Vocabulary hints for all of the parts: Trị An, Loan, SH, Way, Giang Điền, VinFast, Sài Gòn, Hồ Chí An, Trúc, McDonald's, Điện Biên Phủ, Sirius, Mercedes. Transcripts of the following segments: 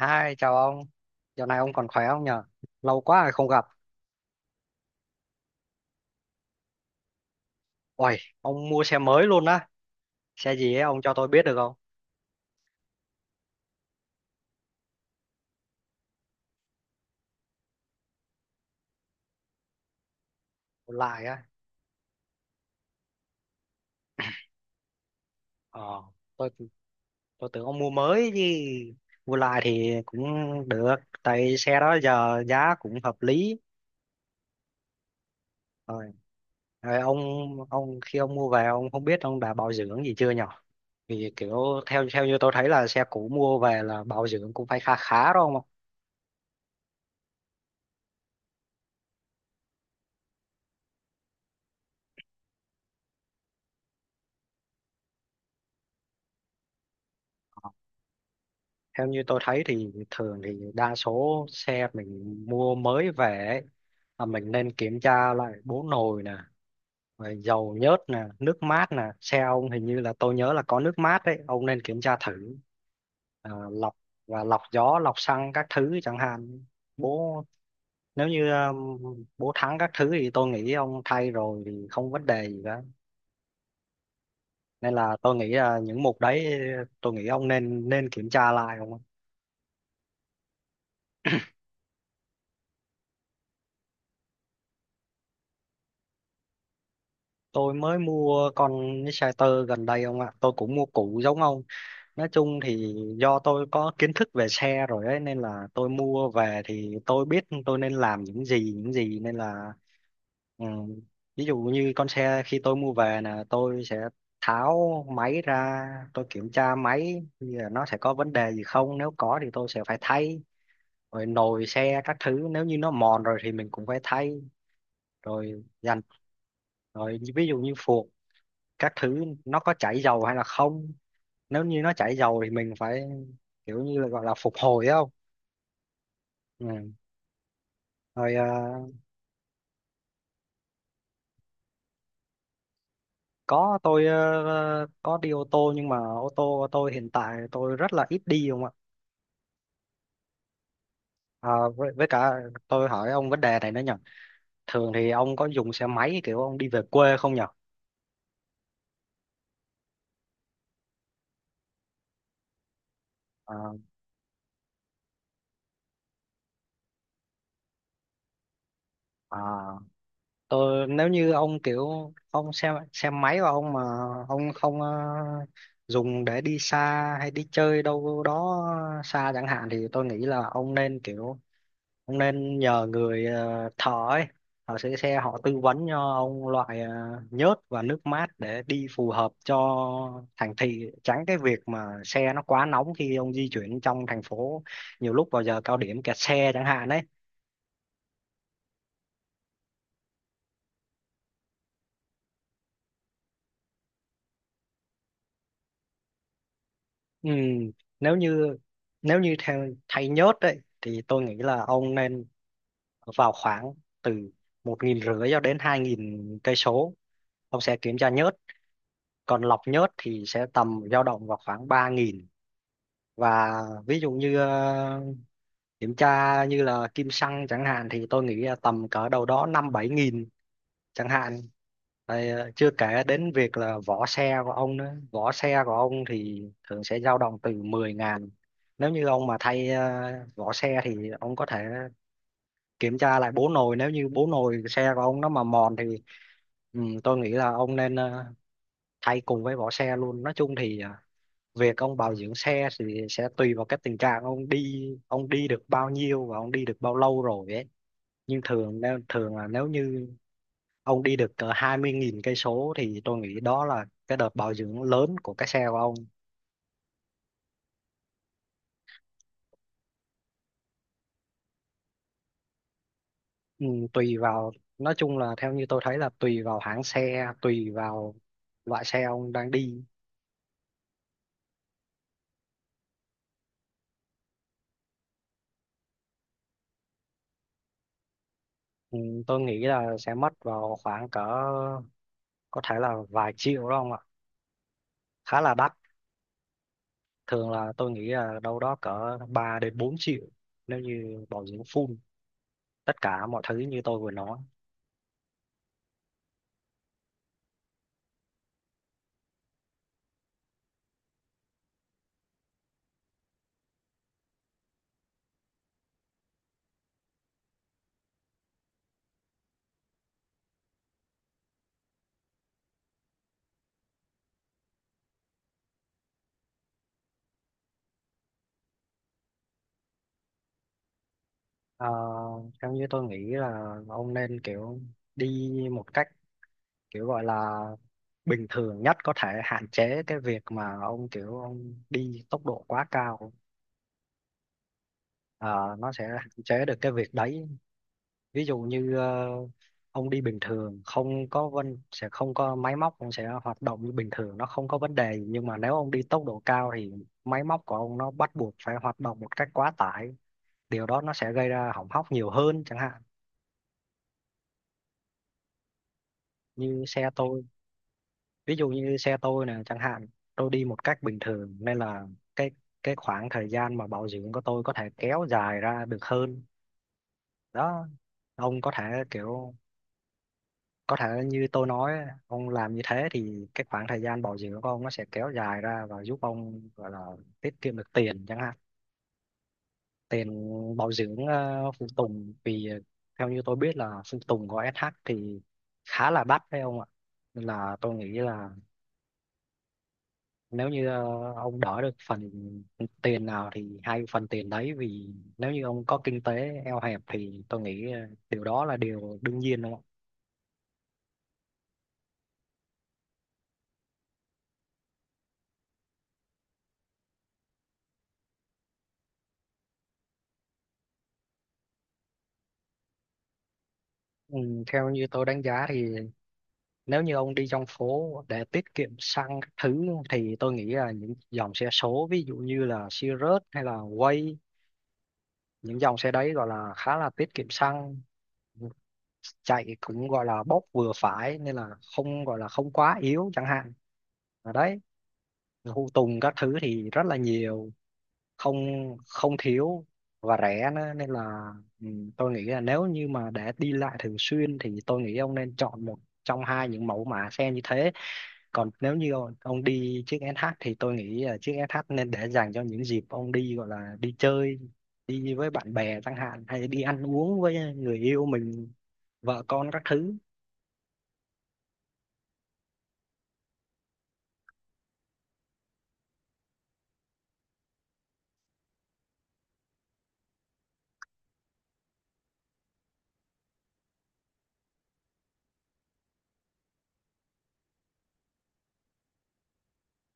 Hi, chào ông. Dạo này ông còn khỏe không nhờ? Lâu quá rồi không gặp. Uầy, ông mua xe mới luôn á. Xe gì ấy, ông cho tôi biết được không? Một lại á. Ờ, tôi tôi tưởng ông mua mới chứ. Mua lại thì cũng được. Tại xe đó giờ giá cũng hợp lý. Rồi, rồi, ông khi ông mua về ông không biết ông đã bảo dưỡng gì chưa nhở? Vì kiểu theo theo như tôi thấy là xe cũ mua về là bảo dưỡng cũng phải khá khá đó ông ạ. Theo như tôi thấy thì thường thì đa số xe mình mua mới về ấy, là mình nên kiểm tra lại bố nồi nè, rồi dầu nhớt nè, nước mát nè. Xe ông hình như là tôi nhớ là có nước mát đấy, ông nên kiểm tra thử. À, lọc và lọc gió, lọc xăng các thứ chẳng hạn. Bố nếu như bố thắng các thứ thì tôi nghĩ ông thay rồi thì không vấn đề gì cả. Nên là tôi nghĩ là những mục đấy, tôi nghĩ ông nên nên kiểm tra lại. Tôi mới mua con Insider gần đây ông ạ. Tôi cũng mua cũ giống ông. Nói chung thì do tôi có kiến thức về xe rồi ấy, nên là tôi mua về thì tôi biết tôi nên làm những gì, những gì nên là ừ, ví dụ như con xe khi tôi mua về là tôi sẽ tháo máy ra, tôi kiểm tra máy thì nó sẽ có vấn đề gì không, nếu có thì tôi sẽ phải thay. Rồi nồi xe các thứ, nếu như nó mòn rồi thì mình cũng phải thay. Rồi dàn rồi ví dụ như phuộc các thứ nó có chảy dầu hay là không, nếu như nó chảy dầu thì mình phải kiểu như là gọi là phục hồi ấy không. Ừ. Rồi có đi ô tô, nhưng mà ô tô của tôi hiện tại tôi rất là ít đi không ạ. À, với cả tôi hỏi ông vấn đề này nữa nhỉ, thường thì ông có dùng xe máy kiểu ông đi về quê không nhỉ? À, à, ờ, nếu như ông kiểu ông xem máy và ông mà ông không dùng để đi xa hay đi chơi đâu đó xa chẳng hạn thì tôi nghĩ là ông nên kiểu ông nên nhờ người thợ ấy, thợ sửa xe họ tư vấn cho ông loại nhớt và nước mát để đi phù hợp cho thành thị, tránh cái việc mà xe nó quá nóng khi ông di chuyển trong thành phố, nhiều lúc vào giờ cao điểm kẹt xe chẳng hạn đấy. Ừ, nếu như nếu như theo thay nhớt đấy thì tôi nghĩ là ông nên vào khoảng từ 1.500 cho đến 2.000 cây số, ông sẽ kiểm tra nhớt. Còn lọc nhớt thì sẽ tầm dao động vào khoảng 3.000. Và ví dụ như kiểm tra như là kim xăng chẳng hạn thì tôi nghĩ là tầm cỡ đâu đó năm bảy nghìn chẳng hạn. Rồi, chưa kể đến việc là vỏ xe của ông nữa, vỏ xe của ông thì thường sẽ dao động từ 10 ngàn. Nếu như ông mà thay vỏ xe thì ông có thể kiểm tra lại bố nồi, nếu như bố nồi xe của ông nó mà mòn thì ừ, tôi nghĩ là ông nên thay cùng với vỏ xe luôn. Nói chung thì việc ông bảo dưỡng xe thì sẽ tùy vào cái tình trạng ông đi, ông đi được bao nhiêu và ông đi được bao lâu rồi ấy. Nhưng thường là nếu như ông đi được cỡ 20.000 cây số thì tôi nghĩ đó là cái đợt bảo dưỡng lớn của cái xe của ông. Ừ, tùy vào, nói chung là theo như tôi thấy là tùy vào hãng xe, tùy vào loại xe ông đang đi. Ừ, tôi nghĩ là sẽ mất vào khoảng cỡ, có thể là vài triệu đó ông ạ, khá là đắt. Thường là tôi nghĩ là đâu đó cỡ 3 đến 4 triệu nếu như bảo dưỡng full tất cả mọi thứ như tôi vừa nói. Ờ, theo như tôi nghĩ là ông nên kiểu đi một cách kiểu gọi là bình thường nhất có thể, hạn chế cái việc mà ông kiểu ông đi tốc độ quá cao. Ờ, nó sẽ hạn chế được cái việc đấy. Ví dụ như ông đi bình thường không có vân sẽ không có máy móc, ông sẽ hoạt động như bình thường, nó không có vấn đề gì. Nhưng mà nếu ông đi tốc độ cao thì máy móc của ông nó bắt buộc phải hoạt động một cách quá tải, điều đó nó sẽ gây ra hỏng hóc nhiều hơn chẳng hạn. Như xe tôi Ví dụ như xe tôi nè chẳng hạn, tôi đi một cách bình thường nên là cái cái khoảng thời gian mà bảo dưỡng của tôi có thể kéo dài ra được hơn đó. Ông có thể kiểu, có thể như tôi nói, ông làm như thế thì cái khoảng thời gian bảo dưỡng của ông nó sẽ kéo dài ra và giúp ông gọi là tiết kiệm được tiền chẳng hạn, tiền bảo dưỡng phụ tùng. Vì theo như tôi biết là phụ tùng của SH thì khá là đắt phải không ạ, nên là tôi nghĩ là nếu như ông đỡ được phần tiền nào thì hay phần tiền đấy. Vì nếu như ông có kinh tế eo hẹp thì tôi nghĩ điều đó là điều đương nhiên, đúng không ạ? Ừ, theo như tôi đánh giá thì nếu như ông đi trong phố để tiết kiệm xăng các thứ thì tôi nghĩ là những dòng xe số, ví dụ như là Sirius hay là Way, những dòng xe đấy gọi là khá là tiết kiệm xăng, chạy cũng gọi là bốc vừa phải nên là không, gọi là không quá yếu chẳng hạn, ở đấy Thu Tùng các thứ thì rất là nhiều, không không thiếu và rẻ nữa. Nên là ừ, tôi nghĩ là nếu như mà để đi lại thường xuyên thì tôi nghĩ ông nên chọn một trong hai những mẫu mã xe như thế. Còn nếu như ông đi chiếc SH thì tôi nghĩ là chiếc SH nên để dành cho những dịp ông đi, gọi là đi chơi, đi với bạn bè chẳng hạn, hay đi ăn uống với người yêu mình, vợ con các thứ.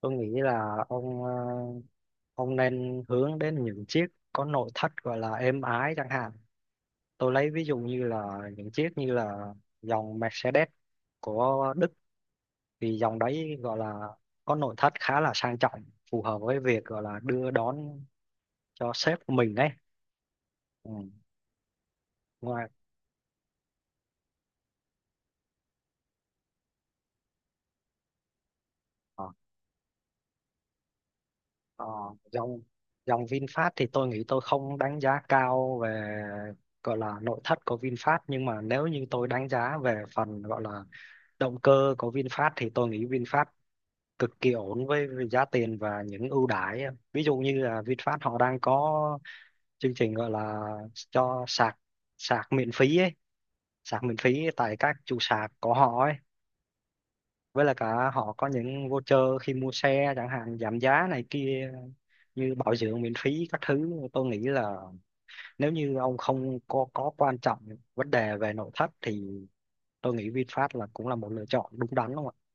Tôi nghĩ là ông nên hướng đến những chiếc có nội thất gọi là êm ái chẳng hạn. Tôi lấy ví dụ như là những chiếc như là dòng Mercedes của Đức, thì dòng đấy gọi là có nội thất khá là sang trọng, phù hợp với việc gọi là đưa đón cho sếp của mình ấy. Ừ. ngoài ờ, Ờ, dòng dòng VinFast thì tôi nghĩ tôi không đánh giá cao về gọi là nội thất của VinFast, nhưng mà nếu như tôi đánh giá về phần gọi là động cơ của VinFast thì tôi nghĩ VinFast cực kỳ ổn với giá tiền và những ưu đãi. Ví dụ như là VinFast họ đang có chương trình gọi là cho sạc sạc miễn phí ấy, sạc miễn phí tại các trụ sạc của họ ấy, với lại cả họ có những voucher khi mua xe chẳng hạn, giảm giá này kia, như bảo dưỡng miễn phí các thứ. Tôi nghĩ là nếu như ông không có quan trọng vấn đề về nội thất thì tôi nghĩ VinFast cũng là một lựa chọn đúng đắn, đúng không ạ?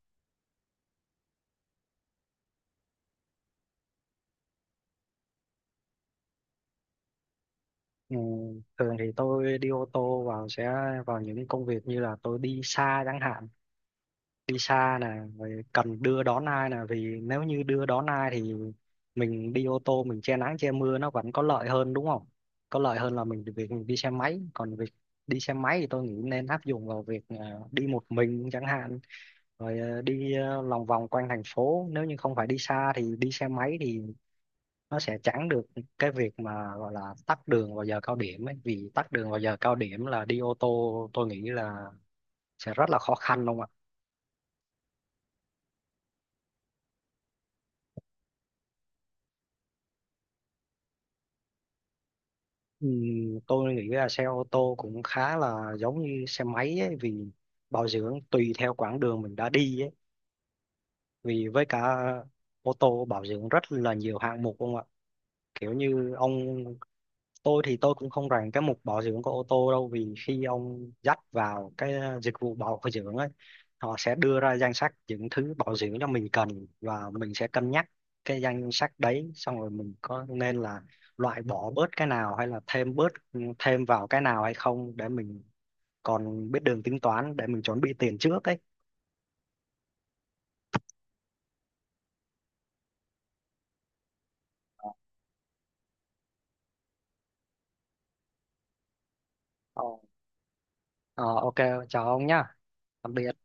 Ừ, thường thì tôi đi ô tô vào sẽ vào những công việc như là tôi đi xa chẳng hạn, đi xa nè, rồi cần đưa đón ai nè, vì nếu như đưa đón ai thì mình đi ô tô, mình che nắng che mưa, nó vẫn có lợi hơn đúng không, có lợi hơn là mình việc mình đi xe máy. Còn việc đi xe máy thì tôi nghĩ nên áp dụng vào việc à, đi một mình chẳng hạn, rồi à, đi à, lòng vòng quanh thành phố. Nếu như không phải đi xa thì đi xe máy thì nó sẽ tránh được cái việc mà gọi là tắc đường vào giờ cao điểm ấy, vì tắc đường vào giờ cao điểm là đi ô tô tôi nghĩ là sẽ rất là khó khăn không ạ. Ừ, tôi nghĩ là xe ô tô cũng khá là giống như xe máy ấy, vì bảo dưỡng tùy theo quãng đường mình đã đi ấy. Vì với cả ô tô bảo dưỡng rất là nhiều hạng mục không ạ? Kiểu như ông, tôi thì tôi cũng không rành cái mục bảo dưỡng của ô tô đâu, vì khi ông dắt vào cái dịch vụ bảo dưỡng ấy, họ sẽ đưa ra danh sách những thứ bảo dưỡng cho mình cần và mình sẽ cân nhắc cái danh sách đấy, xong rồi mình có nên là loại bỏ bớt cái nào hay là thêm bớt ừ, thêm vào cái nào hay không, để mình còn biết đường tính toán để mình chuẩn bị tiền trước ấy. ờ, Ờ, ok, chào ông nhá, tạm biệt.